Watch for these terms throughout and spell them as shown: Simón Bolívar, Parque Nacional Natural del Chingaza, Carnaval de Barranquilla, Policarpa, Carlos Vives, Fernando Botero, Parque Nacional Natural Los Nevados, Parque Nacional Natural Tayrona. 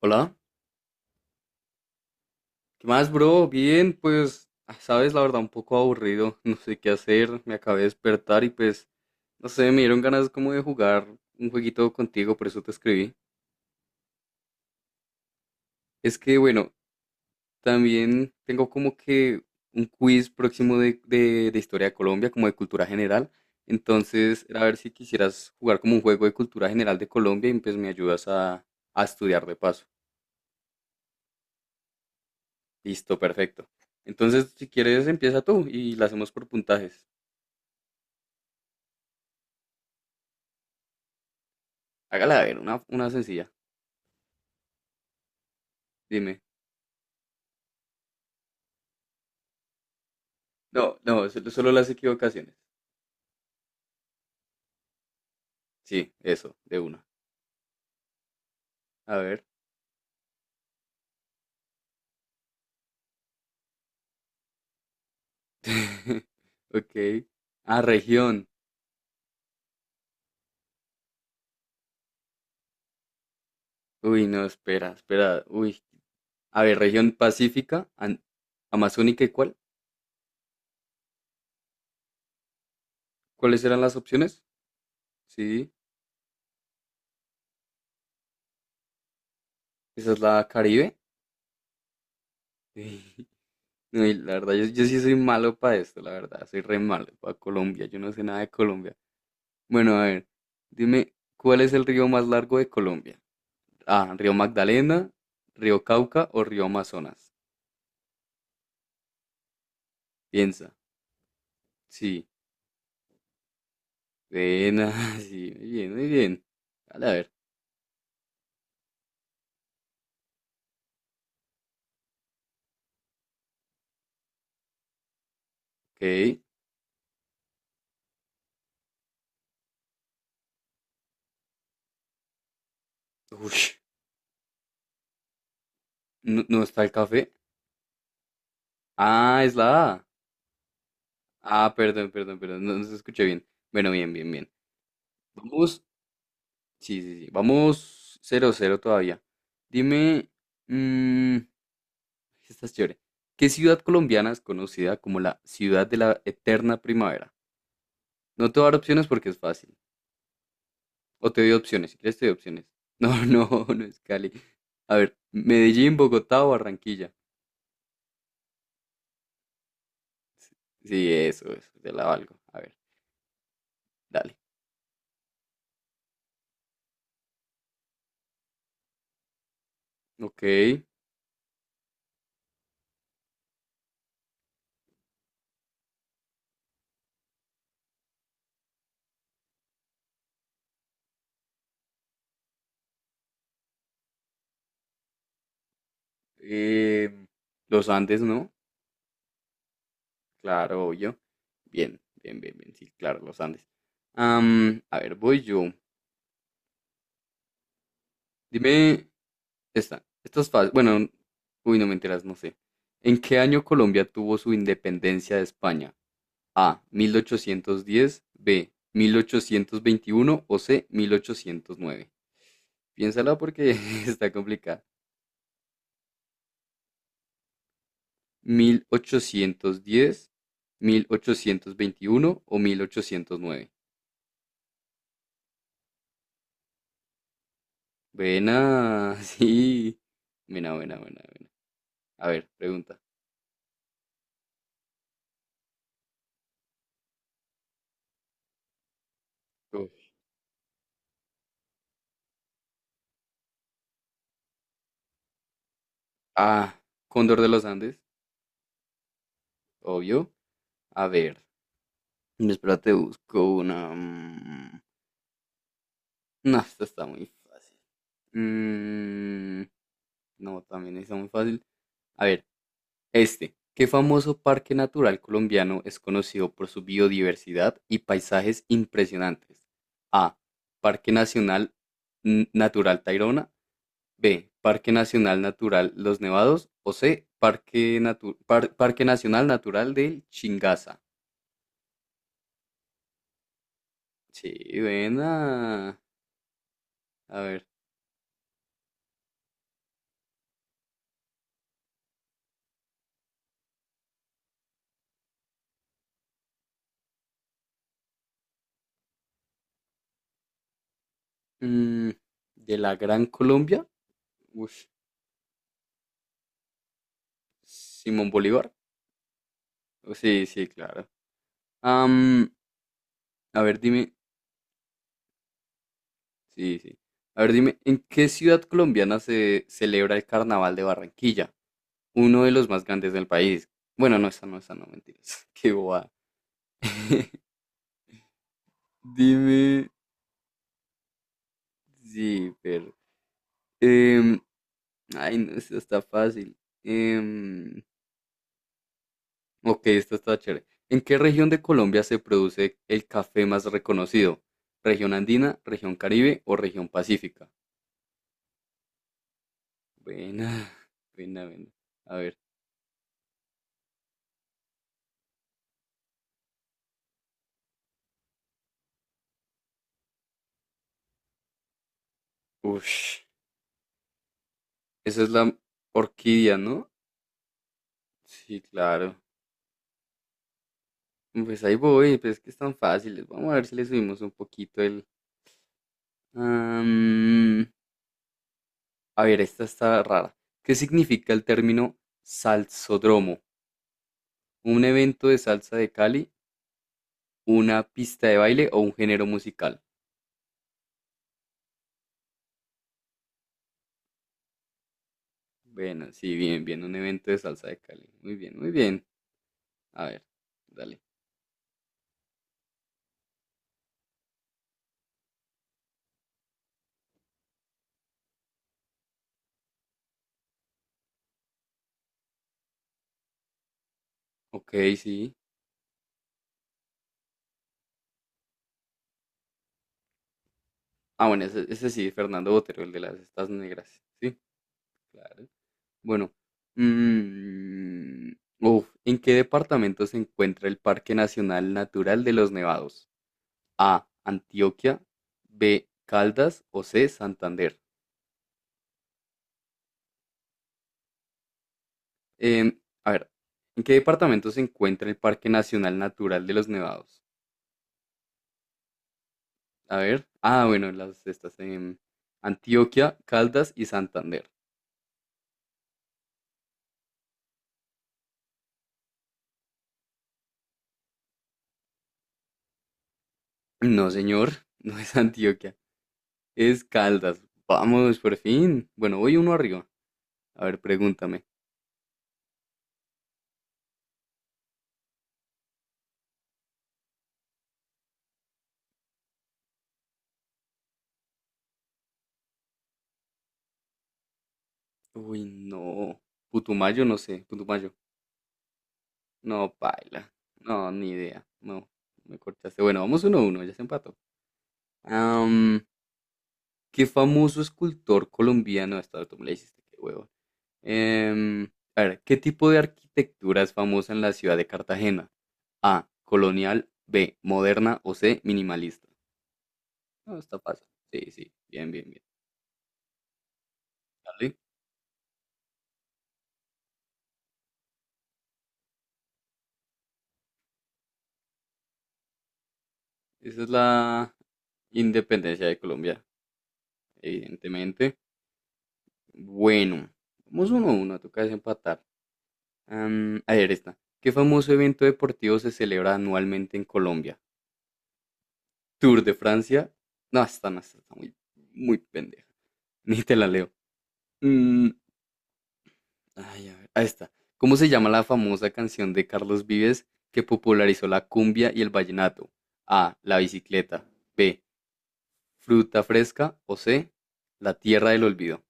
Hola, ¿qué más, bro? Bien, pues, sabes, la verdad, un poco aburrido, no sé qué hacer, me acabé de despertar y pues, no sé, me dieron ganas como de jugar un jueguito contigo, por eso te escribí. Es que, bueno, también tengo como que un quiz próximo de historia de Colombia, como de cultura general, entonces, era a ver si quisieras jugar como un juego de cultura general de Colombia y pues me ayudas a estudiar de paso. Listo, perfecto. Entonces, si quieres, empieza tú y la hacemos por puntajes. Hágala ver, una sencilla. Dime. No, no, solo las equivocaciones. Sí, eso, de una. A ver. Ok. Ah, región. Uy, no, espera, espera. Uy. A ver, región pacífica, amazónica y ¿cuál? ¿Cuáles eran las opciones? Sí, esa es la Caribe. Sí. No, y la verdad, yo sí soy malo para esto, la verdad. Soy re malo para Colombia. Yo no sé nada de Colombia. Bueno, a ver, dime, ¿cuál es el río más largo de Colombia? A, Río Magdalena, Río Cauca o Río Amazonas. Piensa. Sí. Buena, sí, muy bien, muy bien. Dale, a ver. Ok. Ush, no, no está el café. Ah, es la A. Ah, perdón, perdón, perdón. No, no se escuché bien. Bueno, bien, bien, bien. Vamos. Sí, sí, sí. Vamos. Cero, cero, todavía. Dime. mm, esta es chévere. ¿Qué ciudad colombiana es conocida como la ciudad de la eterna primavera? No te voy a dar opciones porque es fácil. O te doy opciones, si quieres te doy opciones. No, no, no es Cali. A ver, Medellín, Bogotá o Barranquilla. Sí, eso, te la valgo. A ver, dale. Ok. em, los Andes, ¿no? Claro, yo. Bien, bien, bien, bien. Sí, claro, los Andes. A ver, voy yo. Dime, esta es fácil. Bueno, uy, no me enteras, no sé. ¿En qué año Colombia tuvo su independencia de España? A. 1810. B. 1821. O C. 1809. Piénsala porque está complicada. 1810, 1821 o 1809. Buena, sí. Buena, buena, buena, buena. A ver, pregunta. Uf. A. Cóndor de los Andes, obvio. A ver. Espérate, busco una. No, esta está muy fácil. Mm, no, también está muy fácil. A ver. Este, ¿qué famoso parque natural colombiano es conocido por su biodiversidad y paisajes impresionantes? A. Parque Nacional Natural Tayrona. B. Parque Nacional Natural Los Nevados. O C. Parque, Parque Nacional Natural del Chingaza. Sí, buena. A ver. mm, de la Gran Colombia. Ush, Simón Bolívar. Sí, sí, claro. Am, a ver, dime. Sí, sí. A ver, dime, ¿en qué ciudad colombiana se celebra el Carnaval de Barranquilla? Uno de los más grandes del país. Bueno, no, esa no, esa no, mentiras. Qué boba. Dime, sí, pero... em, ay, no, esta está fácil. Em, ok, esta está chévere. ¿En qué región de Colombia se produce el café más reconocido? ¿Región andina, región Caribe o región pacífica? Buena, buena, buena. A ver. Ush. Esa es la orquídea, ¿no? Sí, claro. Pues ahí voy, pues es que están fáciles. Vamos a ver si le subimos un poquito el... Am, a ver, esta está rara. ¿Qué significa el término salsódromo? ¿Un evento de salsa de Cali, una pista de baile o un género musical? Bueno, sí, bien, bien, un evento de salsa de Cali. Muy bien, muy bien. A ver, dale. Ok, sí. Ah, bueno, ese sí, Fernando Botero, el de las estas negras. Sí, claro. Bueno, mm, uf, ¿en qué departamento se encuentra el Parque Nacional Natural de los Nevados? A, Antioquia, B, Caldas o C, Santander. Em, a ver, ¿en qué departamento se encuentra el Parque Nacional Natural de los Nevados? A ver, ah, bueno, las estas en Antioquia, Caldas y Santander. No, señor, no es Antioquia, es Caldas. Vamos, por fin. Bueno, voy uno arriba. A ver, pregúntame. Uy, no. Putumayo, no sé. Putumayo. No, paila. No, ni idea. No, me cortaste. Bueno, vamos uno a uno, ya se empató. Am, ¿Qué famoso escultor colombiano? Esta tú me la hiciste, qué huevo. Em, a ver, ¿qué tipo de arquitectura es famosa en la ciudad de Cartagena? A, colonial, B, moderna o C, minimalista. No, está fácil. Sí, sí, bien, bien, bien. Dale. Esa es la independencia de Colombia, evidentemente. Bueno, vamos uno a uno, toca desempatar. A ver, esta. ¿Qué famoso evento deportivo se celebra anualmente en Colombia? ¿Tour de Francia? No, esta no, esta está muy, muy pendeja. Ni te la leo. Mm, ay, a ver, ahí está. ¿Cómo se llama la famosa canción de Carlos Vives que popularizó la cumbia y el vallenato? A. La bicicleta. B. Fruta fresca. O C. La tierra del olvido.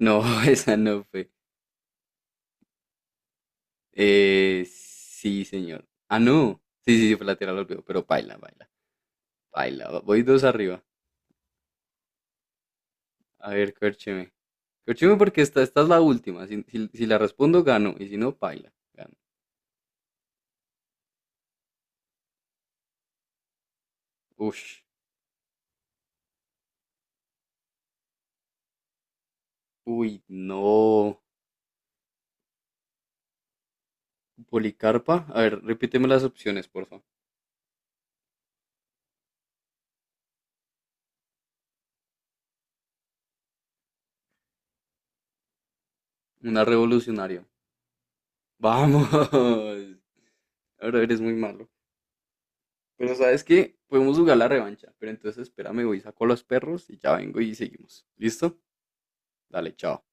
No, esa no fue. Sí, señor. Ah, no. Sí, sí, sí, fue lateral olvidó, pero baila, baila, baila. Voy dos arriba. A ver, córcheme. Córcheme porque esta es la última. Si la respondo, gano. Y si no, baila, gano. Ush. Uy, no. Policarpa. A ver, repíteme las opciones, por favor. Una revolucionaria. Vamos. Ahora eres muy malo. Pero sabes que podemos jugar la revancha. Pero entonces espérame, voy, saco a los perros y ya vengo y seguimos. ¿Listo? Dale, chao.